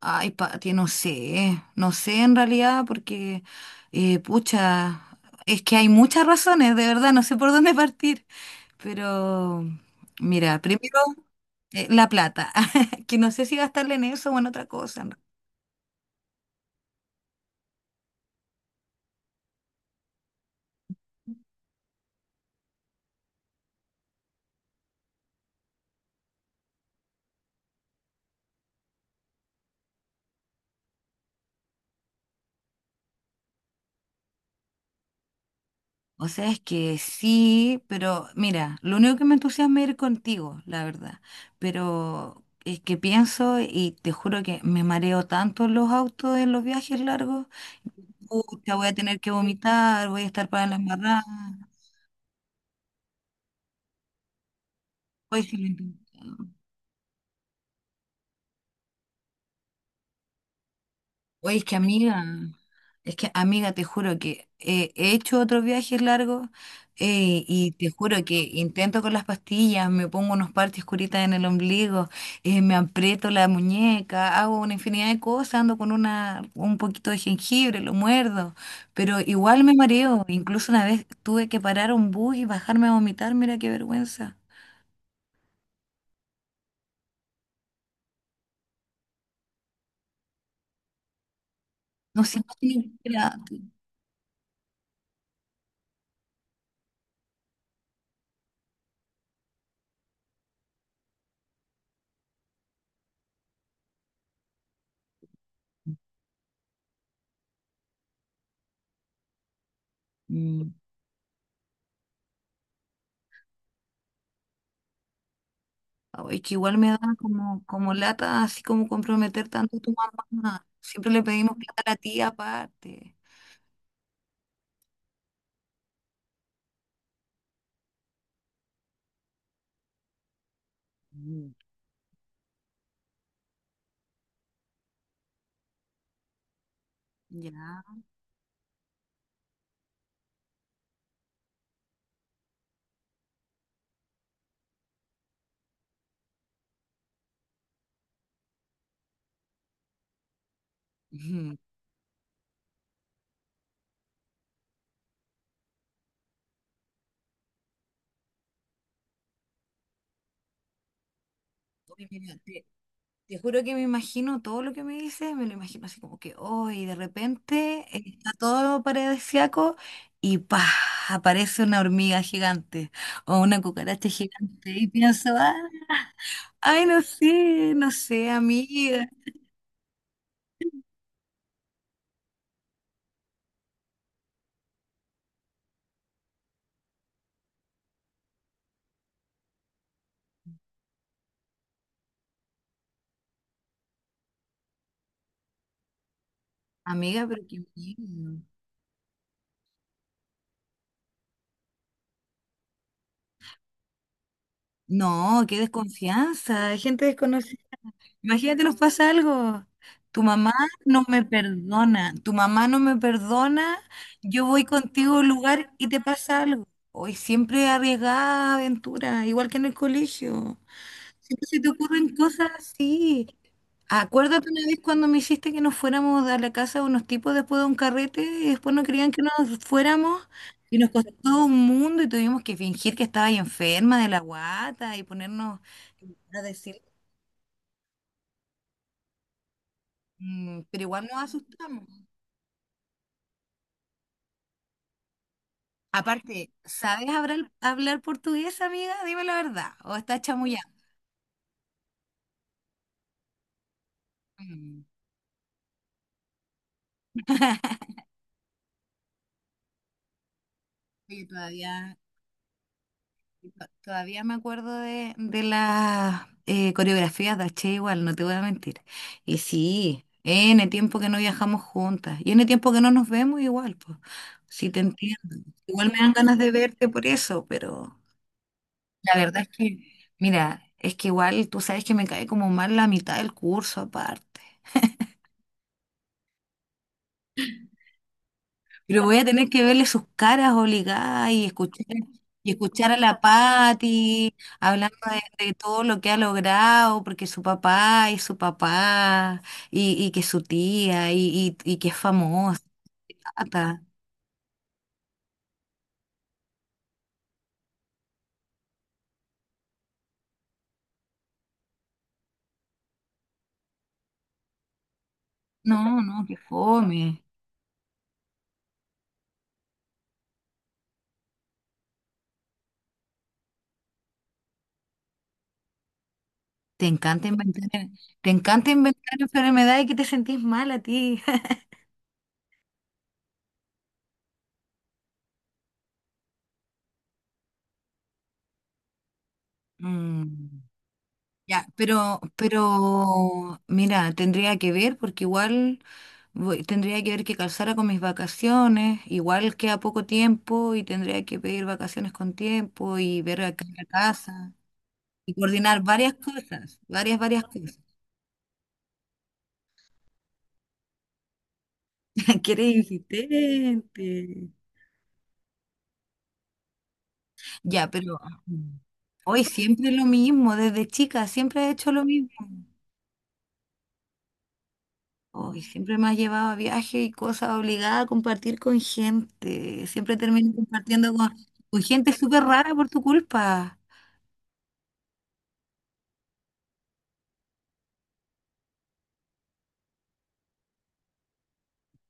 Ay, Pati, no sé, no sé en realidad porque pucha, es que hay muchas razones, de verdad, no sé por dónde partir, pero mira, primero, la plata, que no sé si gastarla en eso o en otra cosa, ¿no? O sea, es que sí, pero mira, lo único que me entusiasma es ir contigo, la verdad, pero es que pienso y te juro que me mareo tanto en los autos, en los viajes largos. Pucha, voy a tener que vomitar, voy a estar para las marradas. Hoy sí lo intenté. Oye, es que amiga, te juro que he hecho otros viajes largos, y te juro que intento con las pastillas, me pongo unos parches curitas en el ombligo, me aprieto la muñeca, hago una infinidad de cosas, ando con una, un poquito de jengibre, lo muerdo, pero igual me mareo. Incluso una vez tuve que parar un bus y bajarme a vomitar, mira qué vergüenza. No sé, no tiene- Mm. Ay, que igual me da como, como lata, así como comprometer tanto a tu mamá. Siempre le pedimos plata a la tía aparte. Mm. Ya. Ujú. Oye, mira, te juro que me imagino todo lo que me dices, me lo imagino así como que hoy de repente está todo paradisíaco y pa, aparece una hormiga gigante o una cucaracha gigante y pienso, ah, ay, no sé, no sé, amiga. Amiga, pero qué miedo. No, qué desconfianza, hay gente desconocida. Imagínate, nos pasa algo. Tu mamá no me perdona, tu mamá no me perdona, yo voy contigo a un lugar y te pasa algo. Hoy siempre arriesgada aventura, igual que en el colegio. Siempre se te ocurren cosas así. Acuérdate una vez cuando me hiciste que nos fuéramos a la casa de unos tipos después de un carrete y después no querían que nos fuéramos y nos costó un mundo y tuvimos que fingir que estaba ahí enferma de la guata y ponernos a decir, mm, pero igual nos asustamos. Aparte, ¿sabes hablar portugués, amiga? Dime la verdad. ¿O estás chamullando? Mm. Oye, todavía Todavía me acuerdo de las coreografías de H igual, no te voy a mentir. Y sí, N tiempo que no viajamos juntas. Y N tiempo que no nos vemos igual, pues. Sí te entiendo. Igual me dan ganas de verte por eso, pero la verdad es que, mira, es que igual tú sabes que me cae como mal la mitad del curso aparte. Pero voy a tener que verle sus caras obligadas y escuchar a la Patti hablando de todo lo que ha logrado, porque su papá y su papá, y que su tía, y que es famosa. Tata. No, no, que fome. Te encanta inventar, te encanta inventar enfermedades que te sentís mal a ti. Mm. Ya, pero, mira, tendría que ver porque igual tendría que ver que calzara con mis vacaciones, igual queda poco tiempo y tendría que pedir vacaciones con tiempo y ver acá en la casa y coordinar varias cosas, varias cosas. Que eres insistente. Ya, pero hoy siempre es lo mismo, desde chica siempre he hecho lo mismo. Uy, siempre me has llevado a viajes y cosas obligada a compartir con gente. Siempre termino compartiendo con gente súper rara por tu culpa.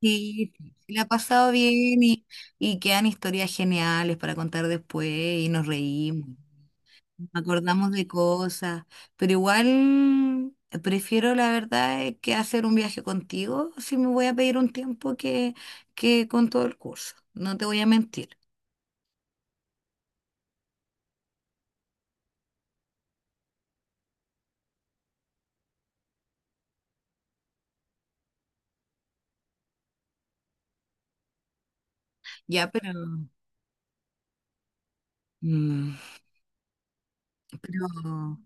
Sí, sí, la ha pasado bien y quedan historias geniales para contar después y nos reímos, nos acordamos de cosas, pero igual prefiero la verdad que hacer un viaje contigo si me voy a pedir un tiempo que con todo el curso, no te voy a mentir. Ya, pero... mm, pero,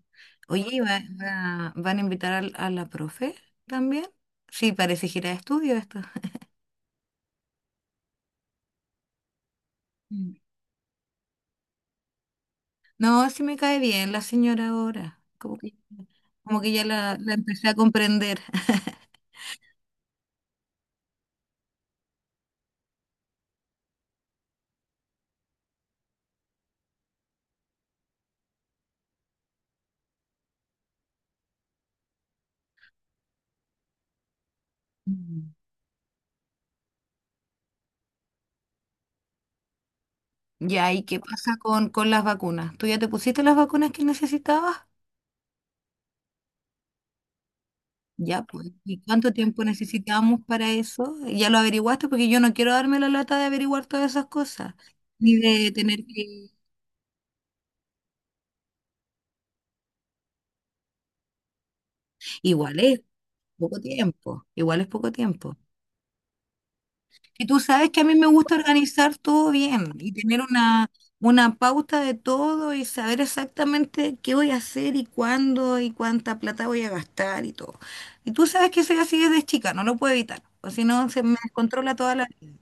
oye, ¿van a invitar a la profe también? Sí, parece gira de estudio esto. Mm. No, sí me cae bien la señora ahora. Como que ya la empecé a comprender. Mm. Ya, ¿y qué pasa con las vacunas? ¿Tú ya te pusiste las vacunas que necesitabas? Ya, pues. ¿Y cuánto tiempo necesitamos para eso? ¿Ya lo averiguaste? Porque yo no quiero darme la lata de averiguar todas esas cosas. Ni de tener que... Igual es poco tiempo. Igual es poco tiempo. Y tú sabes que a mí me gusta organizar todo bien y tener una pauta de todo y saber exactamente qué voy a hacer y cuándo y cuánta plata voy a gastar y todo. Y tú sabes que soy así desde chica, no lo puedo evitar, o si no se me descontrola toda la vida.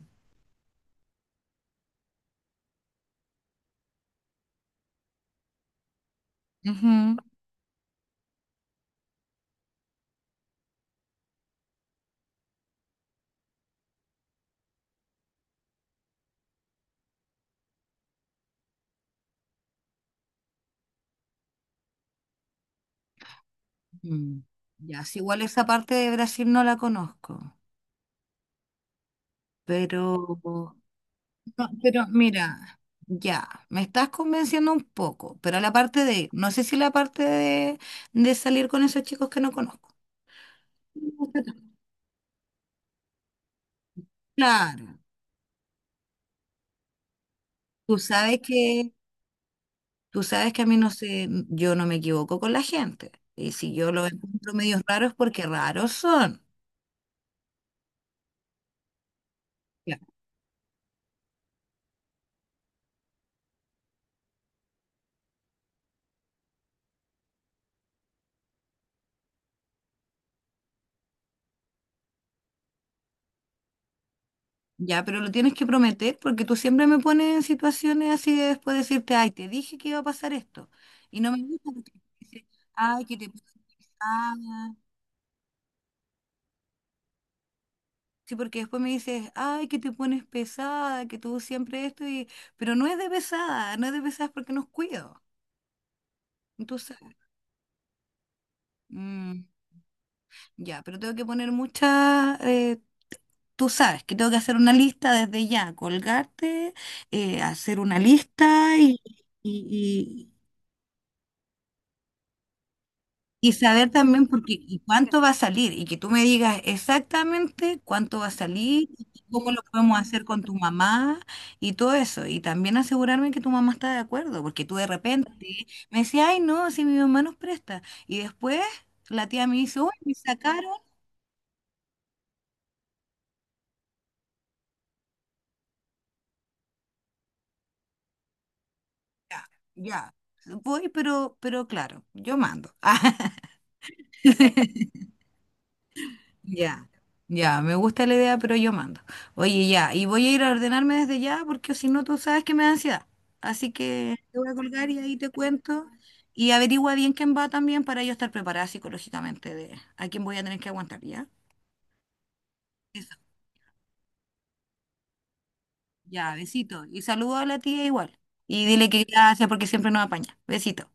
Ujú. Mm. Ya, si igual esa parte de Brasil no la conozco, pero, no, pero mira, ya, me estás convenciendo un poco, pero la parte de, no sé si la parte de salir con esos chicos que no conozco. Claro, tú sabes que, tú sabes que a mí no sé, yo no me equivoco con la gente. Y si yo lo encuentro medios raros, porque raros son. Ya, ya, pero lo tienes que prometer porque tú siempre me pones en situaciones así de después decirte, ay, te dije que iba a pasar esto. Y no me gusta porque dices, ay, que te pones pesada. Sí, porque después me dices, ay, que te pones pesada, que tú siempre esto y... Pero no es de pesada, no es de pesada, es porque nos cuido. Tú sabes. Ya, pero tengo que poner mucha... tú sabes que tengo que hacer una lista desde ya, colgarte, hacer una lista y, y, y- y saber también porque, y cuánto va a salir y que tú me digas exactamente cuánto va a salir y cómo lo podemos hacer con tu mamá y todo eso. Y también asegurarme que tu mamá está de acuerdo, porque tú de repente me decías, ay, no, si mi mamá nos presta. Y después la tía me dice, uy, me sacaron. Ya, ya. Voy, pero claro, yo mando. Ya, ya, me gusta la idea, pero yo mando. Oye, ya, y voy a ir a ordenarme desde ya porque si no, tú sabes que me da ansiedad. Así que te voy a colgar y ahí te cuento. Y averigua bien quién va también para yo estar preparada psicológicamente de a quién voy a tener que aguantar, ¿ya? Eso, ya, besito. Y saludo a la tía igual. Y dile que gracias porque siempre nos apaña. Besito.